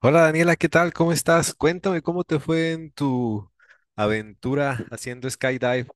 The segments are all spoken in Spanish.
Hola Daniela, ¿qué tal? ¿Cómo estás? Cuéntame cómo te fue en tu aventura haciendo skydive.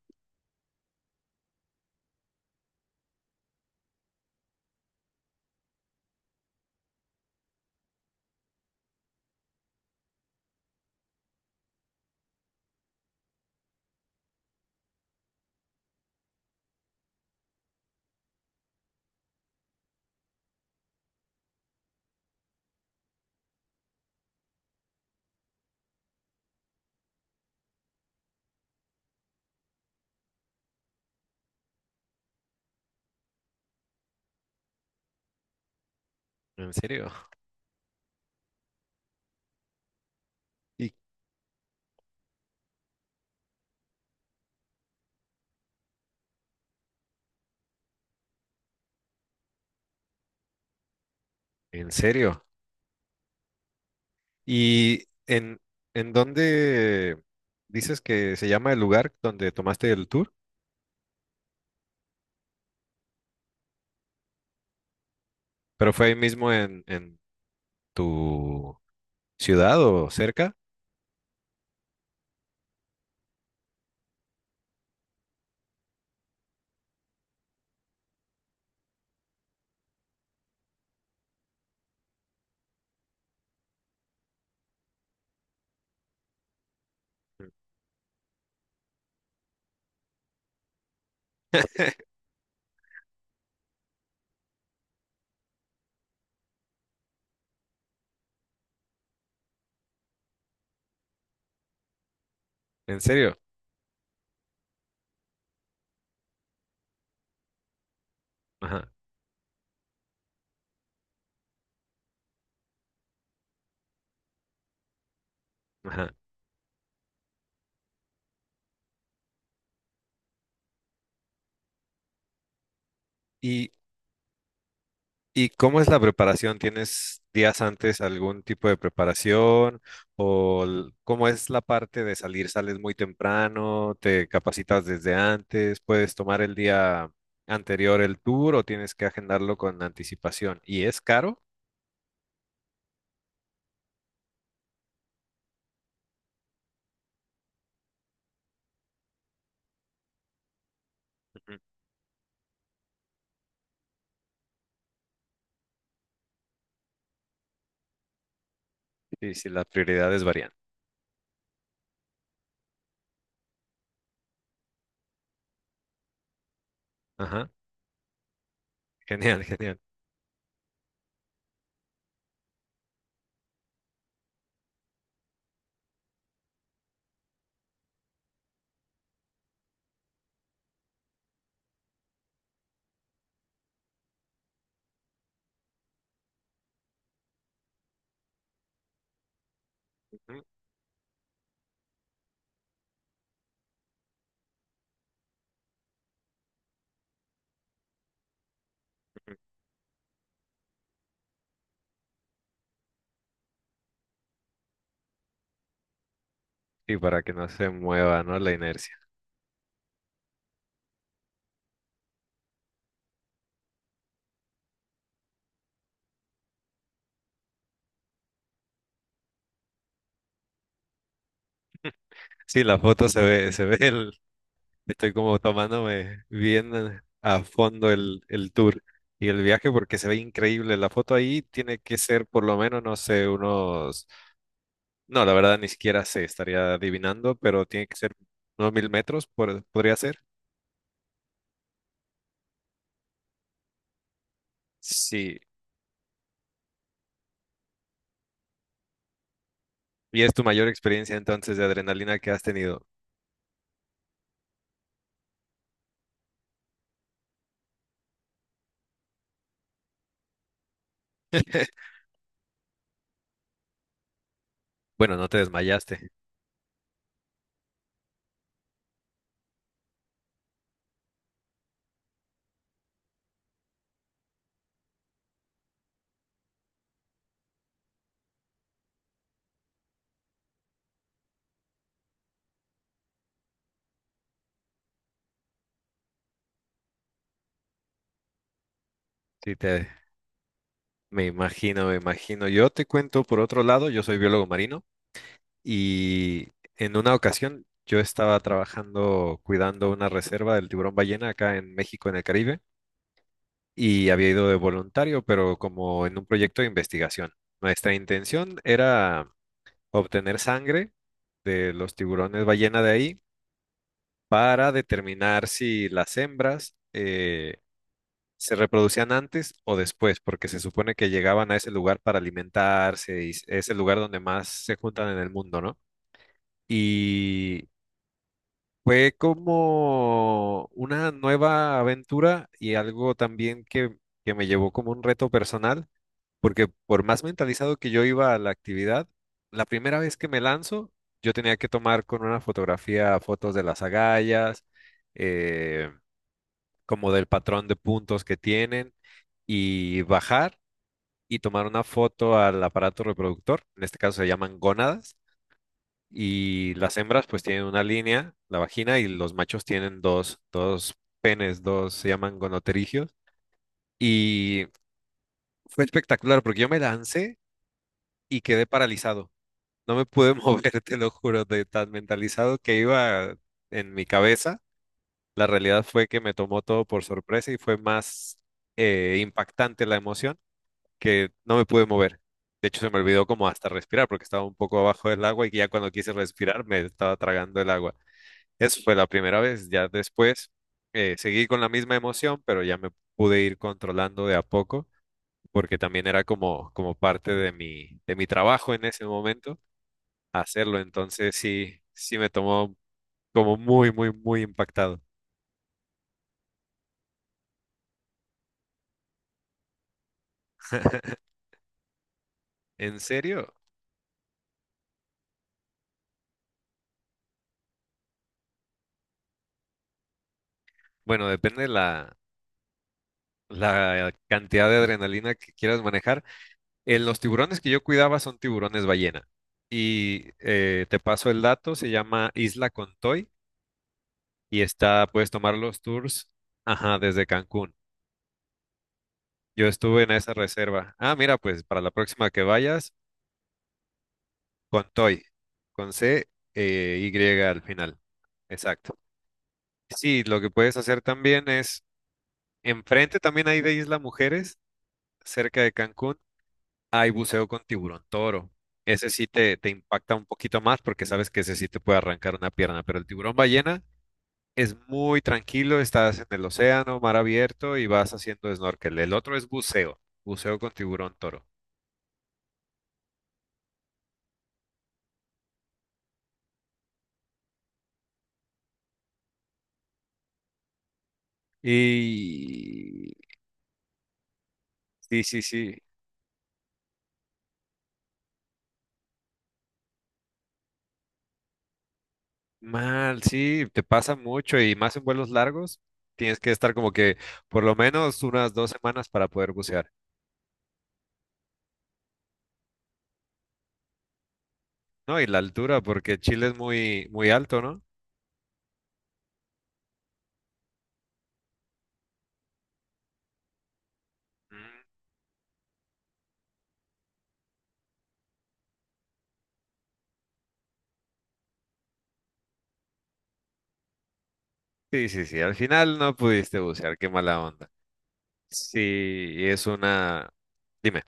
¿En serio? ¿Y en serio? ¿Y en, en dónde dices que se llama el lugar donde tomaste el tour? ¿Pero fue ahí mismo en tu ciudad o cerca? ¿En serio? Ajá, ajá. ¿Y ¿Y cómo es la preparación? ¿Tienes días antes algún tipo de preparación? ¿O l- cómo es la parte de salir? ¿Sales muy temprano? ¿Te capacitas desde antes? ¿Puedes tomar el día anterior el tour o tienes que agendarlo con anticipación? ¿Y es caro? Ujú. Sí, sí, las prioridades varían. Ajá, genial, genial. Ujú, ujú. Y para que no se mueva, ¿no? La inercia. Sí, la foto se ve el. Estoy como tomándome bien a fondo el tour y el viaje porque se ve increíble. La foto ahí tiene que ser por lo menos, no sé, unos... No, la verdad ni siquiera sé, estaría adivinando, pero tiene que ser unos 1000 metros, por- podría ser. Sí. Y es tu mayor experiencia entonces de adrenalina que has tenido. Bueno, no te desmayaste. Sí, te... Me imagino, me imagino. Yo te cuento por otro lado, yo soy biólogo marino. Y en una ocasión yo estaba trabajando cuidando una reserva del tiburón ballena acá en México, en el Caribe, y había ido de voluntario, pero como en un proyecto de investigación. Nuestra intención era obtener sangre de los tiburones ballena de ahí para determinar si las hembras se reproducían antes o después, porque se supone que llegaban a ese lugar para alimentarse y es el lugar donde más se juntan en el mundo, ¿no? Y fue como una nueva aventura y algo también que me llevó como un reto personal, porque por más mentalizado que yo iba a la actividad, la primera vez que me lanzo, yo tenía que tomar con una fotografía fotos de las agallas, eh, como del patrón de puntos que tienen, y bajar y tomar una foto al aparato reproductor, en este caso se llaman gónadas y las hembras pues tienen una línea, la vagina, y los machos tienen dos, penes, dos, se llaman gonoterigios. Y fue espectacular porque yo me lancé y quedé paralizado. No me pude mover, te lo juro, de tan mentalizado que iba en mi cabeza. La realidad fue que me tomó todo por sorpresa y fue más impactante la emoción que no me pude mover. De hecho, se me olvidó como hasta respirar porque estaba un poco abajo del agua y ya cuando quise respirar me estaba tragando el agua. Eso fue la primera vez. Ya después seguí con la misma emoción, pero ya me pude ir controlando de a poco, porque también era como, como parte de mi trabajo en ese momento hacerlo. Entonces sí, sí me tomó como muy impactado. ¿En serio? Bueno, depende de la cantidad de adrenalina que quieras manejar. Los tiburones que yo cuidaba son tiburones ballena. Y te paso el dato, se llama Isla Contoy y está, puedes tomar los tours, ajá, desde Cancún. Yo estuve en esa reserva. Ah, mira, pues para la próxima que vayas, con Toy, con C, y al final. Exacto. Sí, lo que puedes hacer también es, enfrente también hay de Isla Mujeres, cerca de Cancún, hay buceo con tiburón toro. Ese sí te impacta un poquito más porque sabes que ese sí te puede arrancar una pierna, pero el tiburón ballena es muy tranquilo, estás en el océano, mar abierto y vas haciendo snorkel. El otro es buceo, buceo con tiburón toro. Y sí, sí, sí, mal, sí, te pasa mucho y más en vuelos largos, tienes que estar como que por lo menos unas 2 semanas para poder bucear, ¿no? Y la altura, porque Chile es muy, muy alto, ¿no? Mm, sí, sí, sí, al final no pudiste bucear, qué mala onda. Sí, es una... Dime,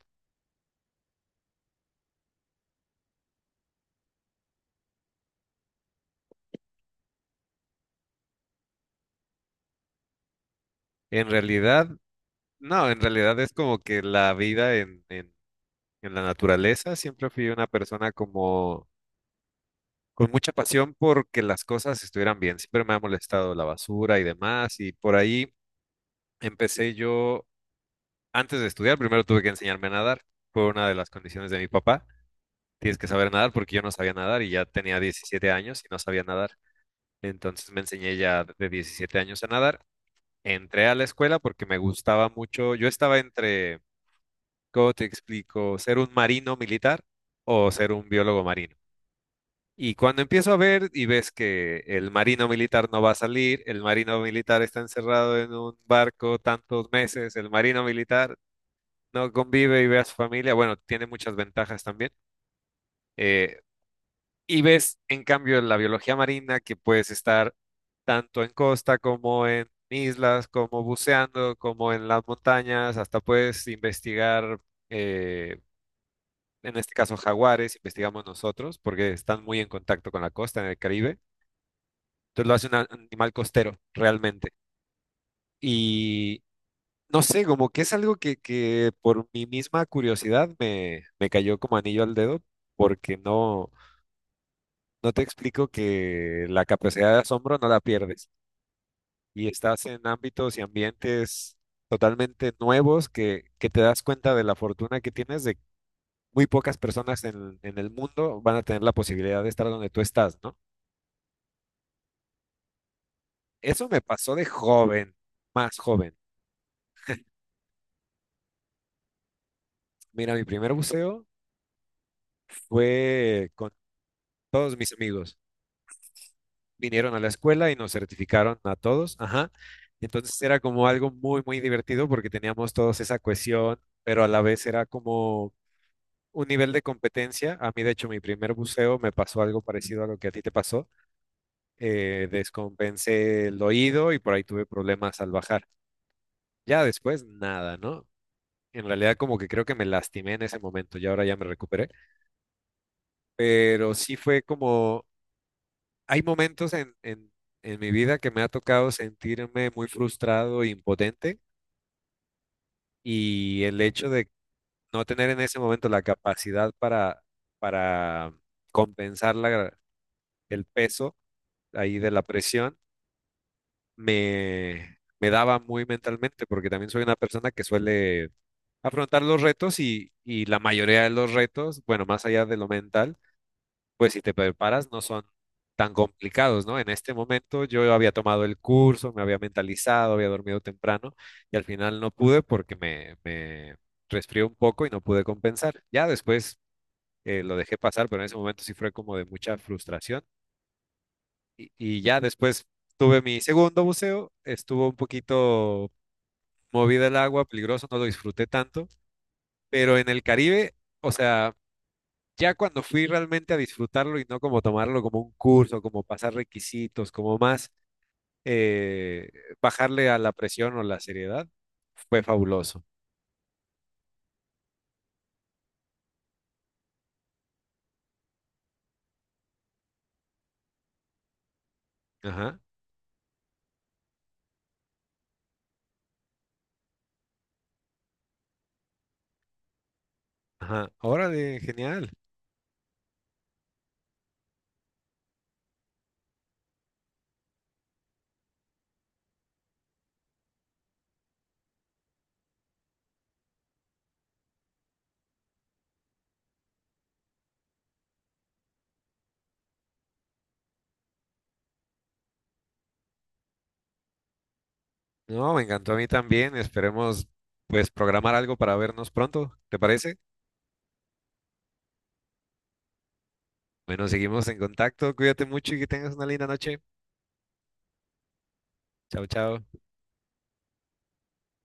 en realidad no, en realidad es como que la vida en la naturaleza, siempre fui una persona como con mucha pasión porque las cosas estuvieran bien. Siempre me ha molestado la basura y demás y por ahí empecé yo, antes de estudiar, primero tuve que enseñarme a nadar. Fue una de las condiciones de mi papá. Tienes que saber nadar porque yo no sabía nadar y ya tenía 17 años y no sabía nadar. Entonces me enseñé ya de 17 años a nadar. Entré a la escuela porque me gustaba mucho. Yo estaba entre ¿cómo te explico? ¿Ser un marino militar o ser un biólogo marino? Y cuando empiezo a ver y ves que el marino militar no va a salir, el marino militar está encerrado en un barco tantos meses, el marino militar no convive y ve a su familia, bueno, tiene muchas ventajas también. Eh, y ves, en cambio, la biología marina que puedes estar tanto en costa como en islas, como buceando, como en las montañas, hasta puedes investigar. eh, en este caso jaguares, investigamos nosotros porque están muy en contacto con la costa en el Caribe. Entonces lo hace un a- animal costero realmente. Y no sé, como que es algo que por mi misma curiosidad me, me cayó como anillo al dedo porque no, no te explico que la capacidad de asombro no la pierdes y estás en ámbitos y ambientes totalmente nuevos que te das cuenta de la fortuna que tienes de muy pocas personas en el mundo van a tener la posibilidad de estar donde tú estás, ¿no? Eso me pasó de joven, más joven. Mira, mi primer buceo fue con todos mis amigos. Vinieron a la escuela y nos certificaron a todos. Ajá. Entonces era como algo muy divertido porque teníamos todos esa cohesión, pero a la vez era como un nivel de competencia. A mí, de hecho, mi primer buceo me pasó algo parecido a lo que a ti te pasó. Descompensé el oído y por ahí tuve problemas al bajar. Ya después, nada, ¿no? En realidad como que creo que me lastimé en ese momento y ahora ya me recuperé pero sí fue como, hay momentos en mi vida que me ha tocado sentirme muy frustrado e impotente y el hecho de no tener en ese momento la capacidad para compensar la- el peso ahí de la presión, me daba muy mentalmente, porque también soy una persona que suele afrontar los retos y la mayoría de los retos, bueno, más allá de lo mental pues si te preparas no son tan complicados, ¿no? En este momento yo había tomado el curso, me había mentalizado, había dormido temprano y al final no pude porque me resfrié un poco y no pude compensar. Ya después lo dejé pasar, pero en ese momento sí fue como de mucha frustración y ya después tuve mi segundo buceo, estuvo un poquito movida el agua, peligroso, no lo disfruté tanto, pero en el Caribe... O sea, ya cuando fui realmente a disfrutarlo y no como tomarlo como un curso, como pasar requisitos, como más eh, bajarle a la presión o la seriedad, fue fabuloso. Ajá, ajá. Órale, genial. No, me encantó a mí también. Esperemos pues programar algo para vernos pronto, ¿te parece? Bueno, seguimos en contacto. Cuídate mucho y que tengas una linda noche. Chao, chao.